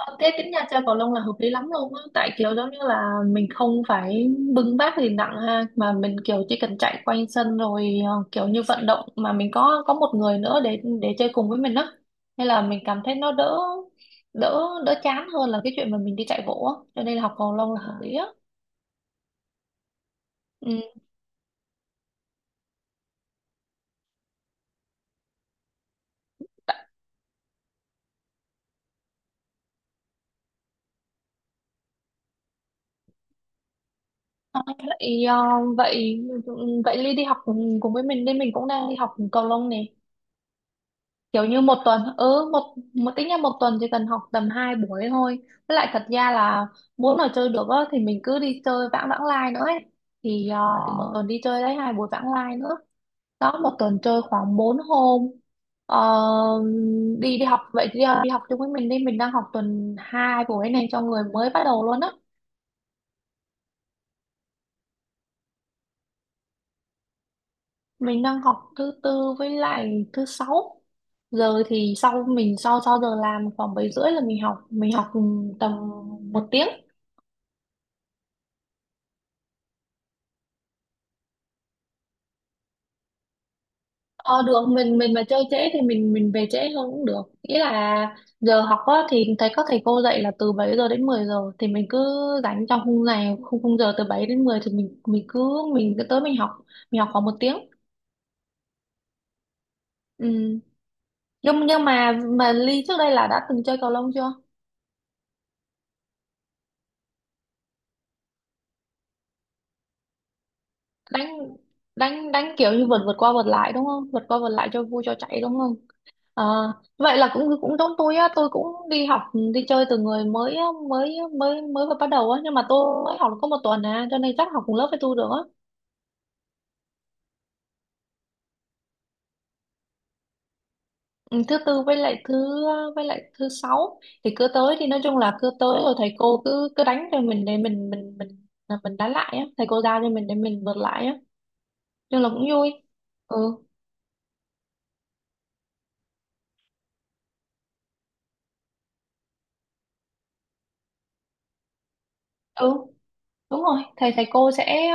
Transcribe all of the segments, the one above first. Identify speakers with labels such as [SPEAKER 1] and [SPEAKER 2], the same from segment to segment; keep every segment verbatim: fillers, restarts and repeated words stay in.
[SPEAKER 1] Ờ, Thế tính ra chơi cầu lông là hợp lý lắm luôn á, tại kiểu giống như là mình không phải bưng bát gì nặng ha, mà mình kiểu chỉ cần chạy quanh sân rồi ờ, kiểu như vận động mà mình có có một người nữa để để chơi cùng với mình á, nên là mình cảm thấy nó đỡ đỡ đỡ chán hơn là cái chuyện mà mình đi chạy bộ á, cho nên là học cầu lông là hợp lý á. Ừ. Ờ, vậy, ờ, vậy ừ, vậy Ly đi học cùng, cùng với mình nên mình cũng đang đi học cầu lông nè, kiểu như một tuần ừ một một tính ra một tuần chỉ cần học tầm hai buổi thôi, với lại thật ra là muốn mà chơi được á, thì mình cứ đi chơi vãng vãng lai nữa ấy, thì, ờ, thì một Ờ. tuần đi chơi đấy hai buổi vãng lai nữa, đó một tuần chơi khoảng bốn hôm, ờ, đi đi học vậy thì à, đi học chung với mình đi, mình đang học tuần hai buổi này cho người mới bắt đầu luôn á. Mình đang học thứ tư với lại thứ sáu, giờ thì sau mình sau sau giờ làm khoảng bảy rưỡi là mình học mình học ừ, tầm một tiếng. Ờ được, mình mình mà chơi trễ thì mình mình về trễ hơn cũng được, nghĩa là giờ học á, thì thấy các thầy cô dạy là từ bảy giờ đến mười giờ, thì mình cứ rảnh trong khung này khung khung giờ từ bảy đến mười, thì mình mình cứ mình cứ tới, mình học mình học khoảng một tiếng. Ừ. nhưng nhưng mà mà Ly trước đây là đã từng chơi cầu lông chưa? Đánh đánh đánh kiểu như vượt vượt qua vượt lại đúng không, vượt qua vượt lại cho vui cho chạy đúng không? Ờ, vậy là cũng cũng giống tôi á, tôi cũng đi học ừ, đi chơi từ người mới mới mới mới vừa bắt đầu á, nhưng mà tôi mới học được có một tuần à, cho nên chắc học cùng lớp với tôi được á. Ừ, thứ tư với lại thứ với lại thứ sáu, thì cứ tới thì nói chung là cứ tới rồi thầy cô cứ cứ đánh cho mình để mình mình mình là mình đánh lại á, thầy cô giao cho mình để mình vượt lại á, nhưng là cũng vui. Ừ. Ừ. Đúng rồi, thầy thầy cô sẽ,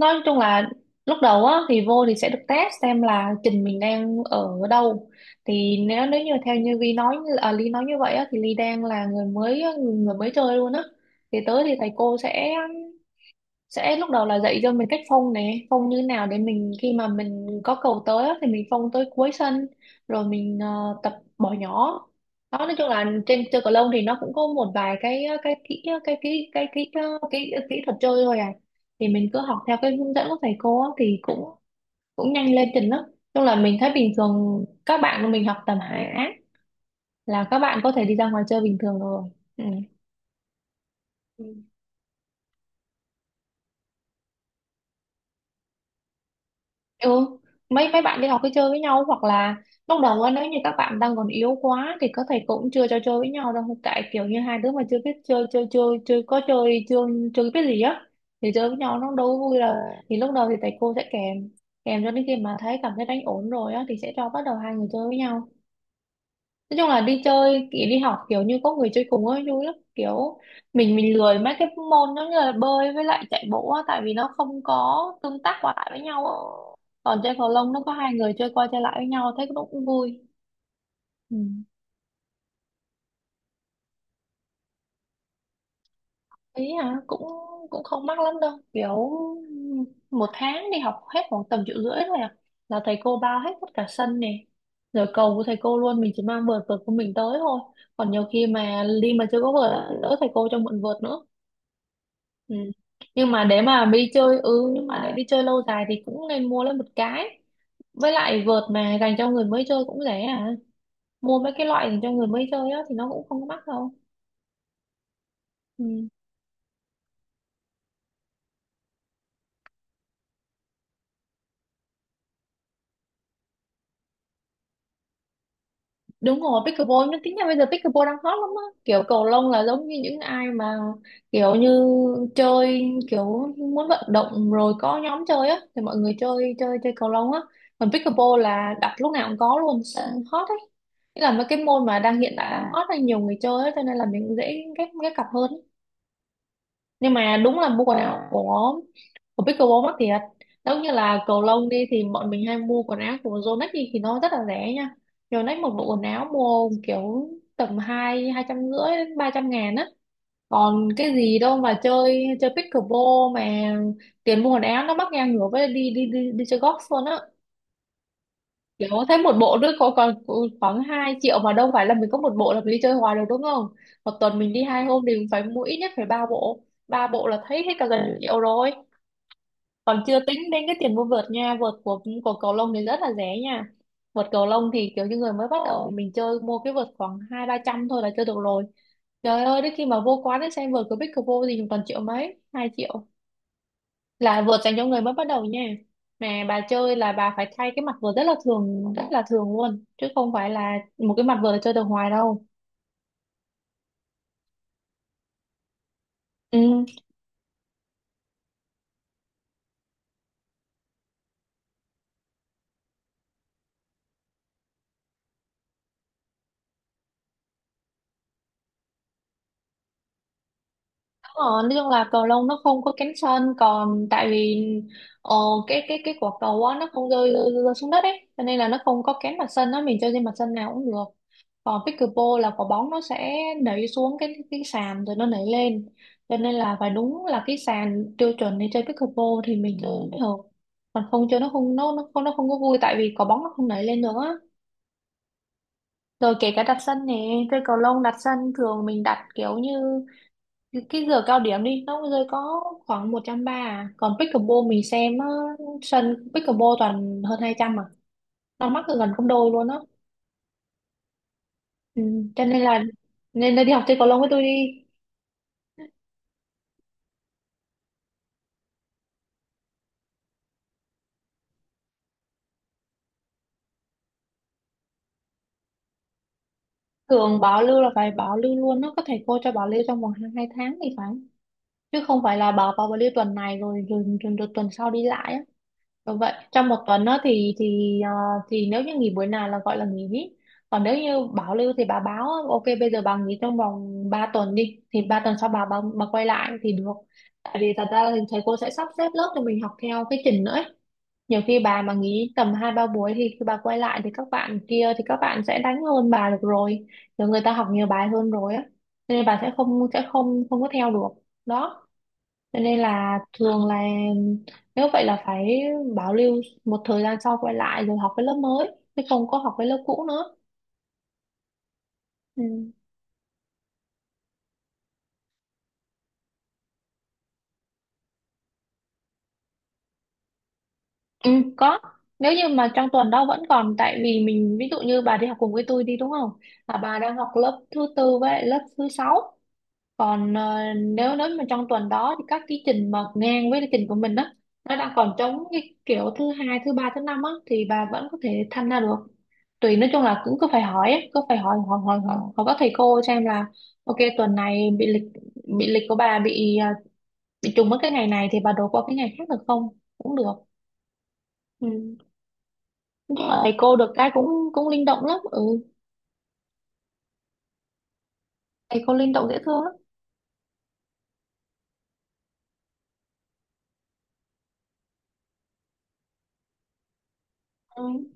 [SPEAKER 1] nói chung là lúc đầu á thì vô thì sẽ được test xem là trình mình đang ở đâu. Thì nếu nếu như theo như Vi nói à, Ly nói như vậy á, thì Ly đang là người mới người người mới chơi luôn á. Thì tới thì thầy cô sẽ sẽ lúc đầu là dạy cho mình cách phông này phông như nào để mình khi mà mình có cầu tới á, thì mình phông tới cuối sân, rồi mình ờ, tập bỏ nhỏ. Đó nói chung là trên chơi cầu lông thì nó cũng có một vài cái ờ, cái kỹ ờ, cái kỹ cái kỹ cái kỹ thuật chơi thôi à, thì mình cứ học theo cái hướng dẫn của thầy cô á, thì cũng cũng nhanh lên trình lắm, chung là mình thấy bình thường các bạn của mình học tầm hạ á, là các bạn có thể đi ra ngoài chơi bình thường rồi. Ừ. Ừ. mấy mấy bạn đi học cứ chơi với nhau, hoặc là lúc đầu á nếu như các bạn đang còn yếu quá thì các thầy cũng chưa cho chơi với nhau đâu, tại kiểu như hai đứa mà chưa biết chơi chơi chơi chơi, có chơi chưa, chưa biết gì á, thì chơi với nhau nó đâu có vui đâu, thì lúc đầu thì thầy cô sẽ kèm kèm cho đến khi mà thấy cảm thấy đánh ổn rồi á thì sẽ cho bắt đầu hai người chơi với nhau. Nói chung là đi chơi kiểu đi học kiểu như có người chơi cùng ấy vui lắm kiểu, mình mình lười mấy cái môn giống như là bơi với lại chạy bộ á, tại vì nó không có tương tác qua lại với nhau á, còn chơi cầu lông nó có hai người chơi qua chơi lại với nhau thấy cũng cũng vui. Ừ. Ý à, cũng cũng không mắc lắm đâu, kiểu một tháng đi học hết khoảng tầm triệu rưỡi thôi à, là thầy cô bao hết tất cả sân này, rồi cầu của thầy cô luôn, mình chỉ mang vợt vợt của mình tới thôi, còn nhiều khi mà đi mà chưa có vợt á, lỡ thầy cô cho mượn vợt nữa. Ừ. Nhưng mà để mà đi chơi ừ nhưng mà để đi chơi lâu dài thì cũng nên mua lên một cái, với lại vợt mà dành cho người mới chơi cũng rẻ à, mua mấy cái loại dành cho người mới chơi á thì nó cũng không có mắc đâu. Ừ. Đúng rồi, pickleball nhưng tính ra bây giờ pickleball đang hot lắm á, kiểu cầu lông là giống như những ai mà kiểu như chơi kiểu muốn vận động rồi có nhóm chơi á thì mọi người chơi chơi chơi cầu lông á, còn pickleball là đặt lúc nào cũng có luôn sợ hot ấy, nghĩa là mấy cái môn mà đang hiện tại đang À, hot là nhiều người chơi á, cho nên là mình dễ ghép ghép cặp hơn. Nhưng mà đúng là mua quần áo của của pickleball mắc thiệt, giống như là cầu lông đi thì bọn mình hay mua quần áo của Yonex đi thì nó rất là rẻ nha. Yonex một bộ quần áo mua kiểu tầm hai hai trăm rưỡi đến ba trăm ngàn á, còn cái gì đâu mà chơi chơi pickleball mà tiền mua quần áo nó mắc ngang ngửa với đi đi đi đi chơi golf luôn á. Kiểu thấy một bộ nữa có còn khoảng hai triệu, mà đâu phải là mình có một bộ là mình đi chơi hoài được đúng không? Một tuần mình đi hai hôm thì cũng phải mua ít nhất phải ba bộ. Ba bộ là thấy hết cả gần Ừ. triệu rồi. Còn chưa tính đến cái tiền mua vợt nha. Vợt của của cầu lông thì rất là rẻ nha. Vợt cầu lông thì kiểu như người mới bắt đầu mình chơi mua cái vợt khoảng hai ba trăm thôi là chơi được rồi. Trời ơi, đến khi mà vô quán ấy xem vợt của Big Vô thì toàn triệu mấy, hai triệu là vợt dành cho người mới bắt đầu nha, mà bà chơi là bà phải thay cái mặt vợt rất là thường rất là thường luôn, chứ không phải là một cái mặt vợt là chơi được hoài đâu. Ừ. Đúng rồi, nói chung là cầu lông nó không có cánh sân còn tại vì ờ, cái cái cái quả cầu á nó không rơi, rơi, rơi xuống đất ấy, cho nên là nó không có cánh mặt sân á, mình chơi trên mặt sân nào cũng được, còn pickleball là quả bóng nó sẽ nảy xuống cái cái sàn rồi nó nảy lên, cho nên là phải đúng là cái sàn tiêu chuẩn để chơi pickleball thì mình chơi mới được, còn không chơi nó không nó nó không nó không có vui, tại vì quả bóng nó không nảy lên được á, rồi kể cả đặt sân nè, chơi cầu lông đặt sân thường mình đặt kiểu như cái giờ cao điểm đi nó rơi có khoảng một trăm ba à, còn pickleball mình xem á, sân pickleball toàn hơn hai trăm mà nó mắc gần gấp đôi luôn á. Ừ. cho nên là nên là đi học chơi cầu lông với tôi đi. Thường bảo lưu là phải bảo lưu luôn, nó có thầy cô cho bảo lưu trong vòng hai hai tháng thì phải, chứ không phải là bảo vào bảo lưu tuần này rồi rồi, rồi, rồi tuần sau đi lại á. Đúng vậy, trong một tuần đó thì thì ờ, thì nếu như nghỉ buổi nào là gọi là nghỉ, còn nếu như bảo lưu thì bà báo ok bây giờ bà nghỉ trong vòng ba tuần đi, thì ba tuần sau bà, bà bà quay lại thì được. Tại vì thật ra là thầy cô sẽ sắp xếp lớp cho mình học theo cái trình nữa ấy. Nhiều khi bà mà nghỉ tầm hai ba buổi thì khi bà quay lại thì các bạn kia thì các bạn sẽ đánh hơn bà được rồi, rồi người ta học nhiều bài hơn rồi á. Cho nên bà sẽ không sẽ không không có theo được đó. Cho nên là thường là nếu vậy là phải bảo lưu, một thời gian sau quay lại rồi học cái lớp mới, chứ không có học cái lớp cũ nữa. Ừ. Ừ. Có, nếu như mà trong tuần đó vẫn còn, tại vì mình ví dụ như bà đi học cùng với tôi đi đúng không, là bà đang học lớp thứ tư với lại lớp thứ sáu. Còn ờ, nếu nếu mà trong tuần đó thì các cái trình mà ngang với lịch trình của mình á, nó đang còn trống cái kiểu thứ hai thứ ba thứ năm á thì bà vẫn có thể tham gia được. Tùy, nói chung là cũng cứ phải hỏi á, cứ phải hỏi hỏi hỏi hỏi, hỏi các thầy cô xem là ok tuần này bị lịch bị lịch của bà bị à, bị trùng với cái ngày này thì bà đổi qua cái ngày khác được không, cũng được. Ừ. Nhưng mà thầy cô được cái cũng cũng linh động lắm. Ừ, thầy cô linh động dễ thương lắm. Ừ.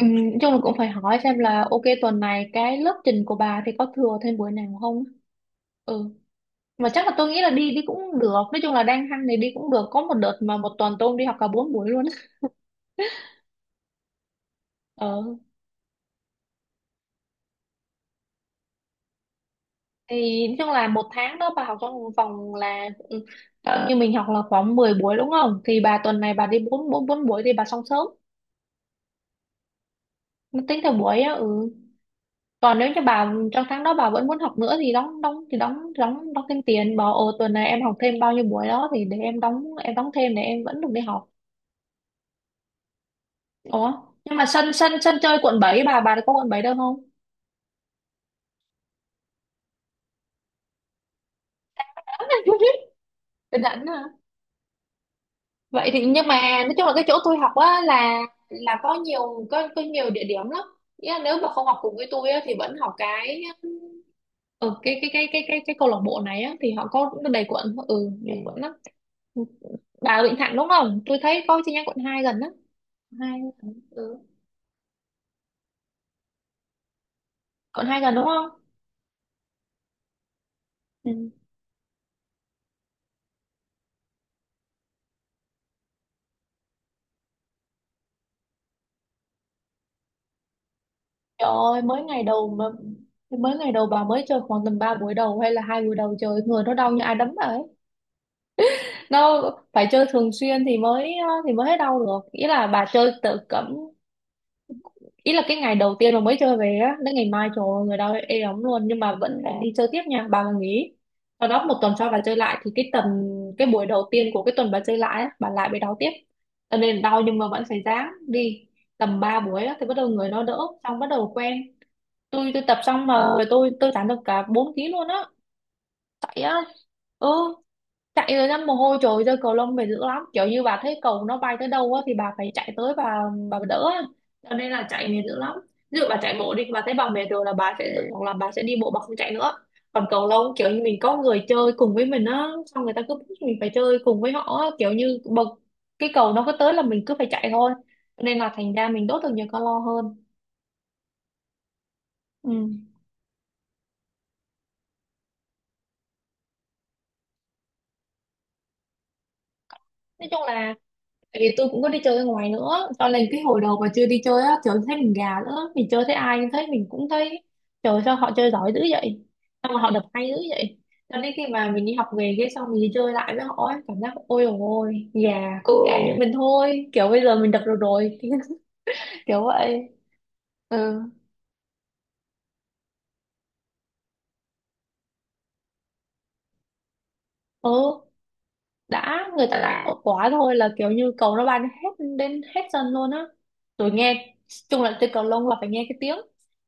[SPEAKER 1] Ừ, nói chung là cũng phải hỏi xem là ok tuần này cái lớp trình của bà thì có thừa thêm buổi nào không. Ừ, mà chắc là tôi nghĩ là đi đi cũng được, nói chung là đang hăng thì đi cũng được, có một đợt mà một tuần tôi đi học cả bốn buổi luôn. Ờ, thì nói chung là một tháng đó bà học trong vòng là ừ, ờ, như mình học là khoảng mười buổi đúng không, thì bà tuần này bà đi bốn bốn bốn buổi thì bà xong sớm, nó tính theo buổi á. Ừ, còn nếu như bà trong tháng đó bà vẫn muốn học nữa thì đóng đóng thì đóng đóng đóng thêm tiền, bảo ồ tuần này em học thêm bao nhiêu buổi đó thì để em đóng em đóng thêm để em vẫn được đi học. Ủa, nhưng mà sân sân sân chơi quận bảy, bà bà có quận bảy đâu không? Bình Thạnh à. Vậy thì, nhưng mà nói chung là cái chỗ tôi học á là là có nhiều có có nhiều địa điểm lắm. Nghĩa là nếu mà không học cùng với tôi á thì vẫn học cái, ừ, cái cái cái cái cái cái câu lạc bộ này á thì họ có đầy quận. Ừ. Ừ. Nhiều quận lắm. Bà ở Bình Thạnh đúng không? Tôi thấy có chi nhánh quận hai gần á. Hai lần, ừ. Còn hai lần đúng không. Ừ. Trời ơi, mới ngày đầu mà, mới ngày đầu bà mới chơi khoảng tầm ba buổi đầu hay là hai buổi đầu chơi, người nó đau như ai đấm bà ấy. Nó phải chơi thường xuyên thì mới ờ, thì mới hết đau được. Ý là bà chơi tự cấm, ý là cái ngày đầu tiên mà mới chơi về á, đến ngày mai trời ơi, người đau ê ống luôn, nhưng mà vẫn phải đi chơi tiếp nha. Bà mà nghỉ, sau đó một tuần sau bà chơi lại, thì cái tuần, cái buổi đầu tiên của cái tuần bà chơi lại á, bà lại bị đau tiếp. Cho nên đau nhưng mà vẫn phải ráng đi, tầm ba buổi á thì bắt đầu người nó đỡ, xong bắt đầu quen. Tôi tôi tập xong mà người tôi tôi giảm được cả bốn ký luôn á, chạy á. Ừ, chạy rồi ra mồ hôi trồi ra, cầu lông mệt dữ lắm, kiểu như bà thấy cầu nó bay tới đâu á thì bà phải chạy tới, bà bà đỡ á, cho nên là chạy mệt dữ lắm. Ví dụ bà chạy bộ đi, bà thấy bà mệt rồi là bà sẽ hoặc là bà sẽ đi bộ, bà không chạy nữa. Còn cầu lông kiểu như mình có người chơi cùng với mình á, xong người ta cứ bắt mình phải chơi cùng với họ á, kiểu như bật cái cầu nó cứ tới là mình cứ phải chạy thôi, nên là thành ra mình đốt được nhiều calo hơn. Ừ. Nói chung là, tại vì tôi cũng có đi chơi ở ngoài nữa, cho nên cái hồi đầu mà chưa đi chơi á, trời thấy mình gà nữa, mình chơi thấy ai thấy mình cũng thấy trời sao họ chơi giỏi dữ vậy, sao mà họ đập hay dữ vậy. Cho nên khi mà mình đi học về cái xong mình đi chơi lại với họ ấy, cảm giác ôi dồi ôi, gà cũng gà như mình thôi, kiểu bây giờ mình đập được rồi. Kiểu vậy. Ừ. Ừ, đã, người ta đã tốt quá thôi, là kiểu như cầu nó ban hết đến hết sân luôn á. Tôi nghe chung là chơi cầu lông là phải nghe cái tiếng,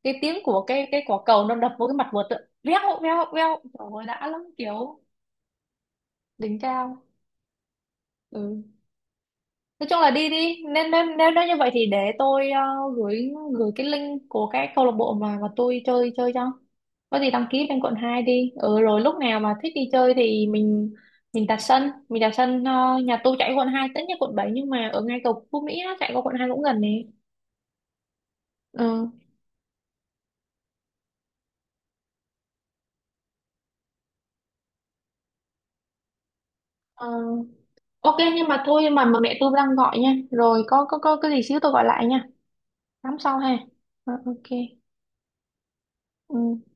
[SPEAKER 1] cái tiếng của cái cái quả cầu nó đập vô cái mặt vợt á, veo veo veo, trời ơi đã lắm, kiểu đỉnh cao. Ừ. Nói chung là đi đi, nên nếu, nếu nếu như vậy thì để tôi ờ, gửi gửi cái link của cái câu lạc bộ mà mà tôi chơi chơi cho, có gì đăng ký lên quận hai đi. Ừ, rồi lúc nào mà thích đi chơi thì mình mình đặt sân, mình đặt sân. ờ, Nhà tôi chạy quận hai, tất nhiên quận bảy nhưng mà ở ngay cầu Phú Mỹ á, chạy qua quận hai cũng gần nè. Ừ. Ờ, ok, nhưng mà thôi, mà mà mẹ tôi đang gọi nha, rồi có có có cái gì xíu tôi gọi lại nha. Tám sau ha. Ờ, ok. Ừ.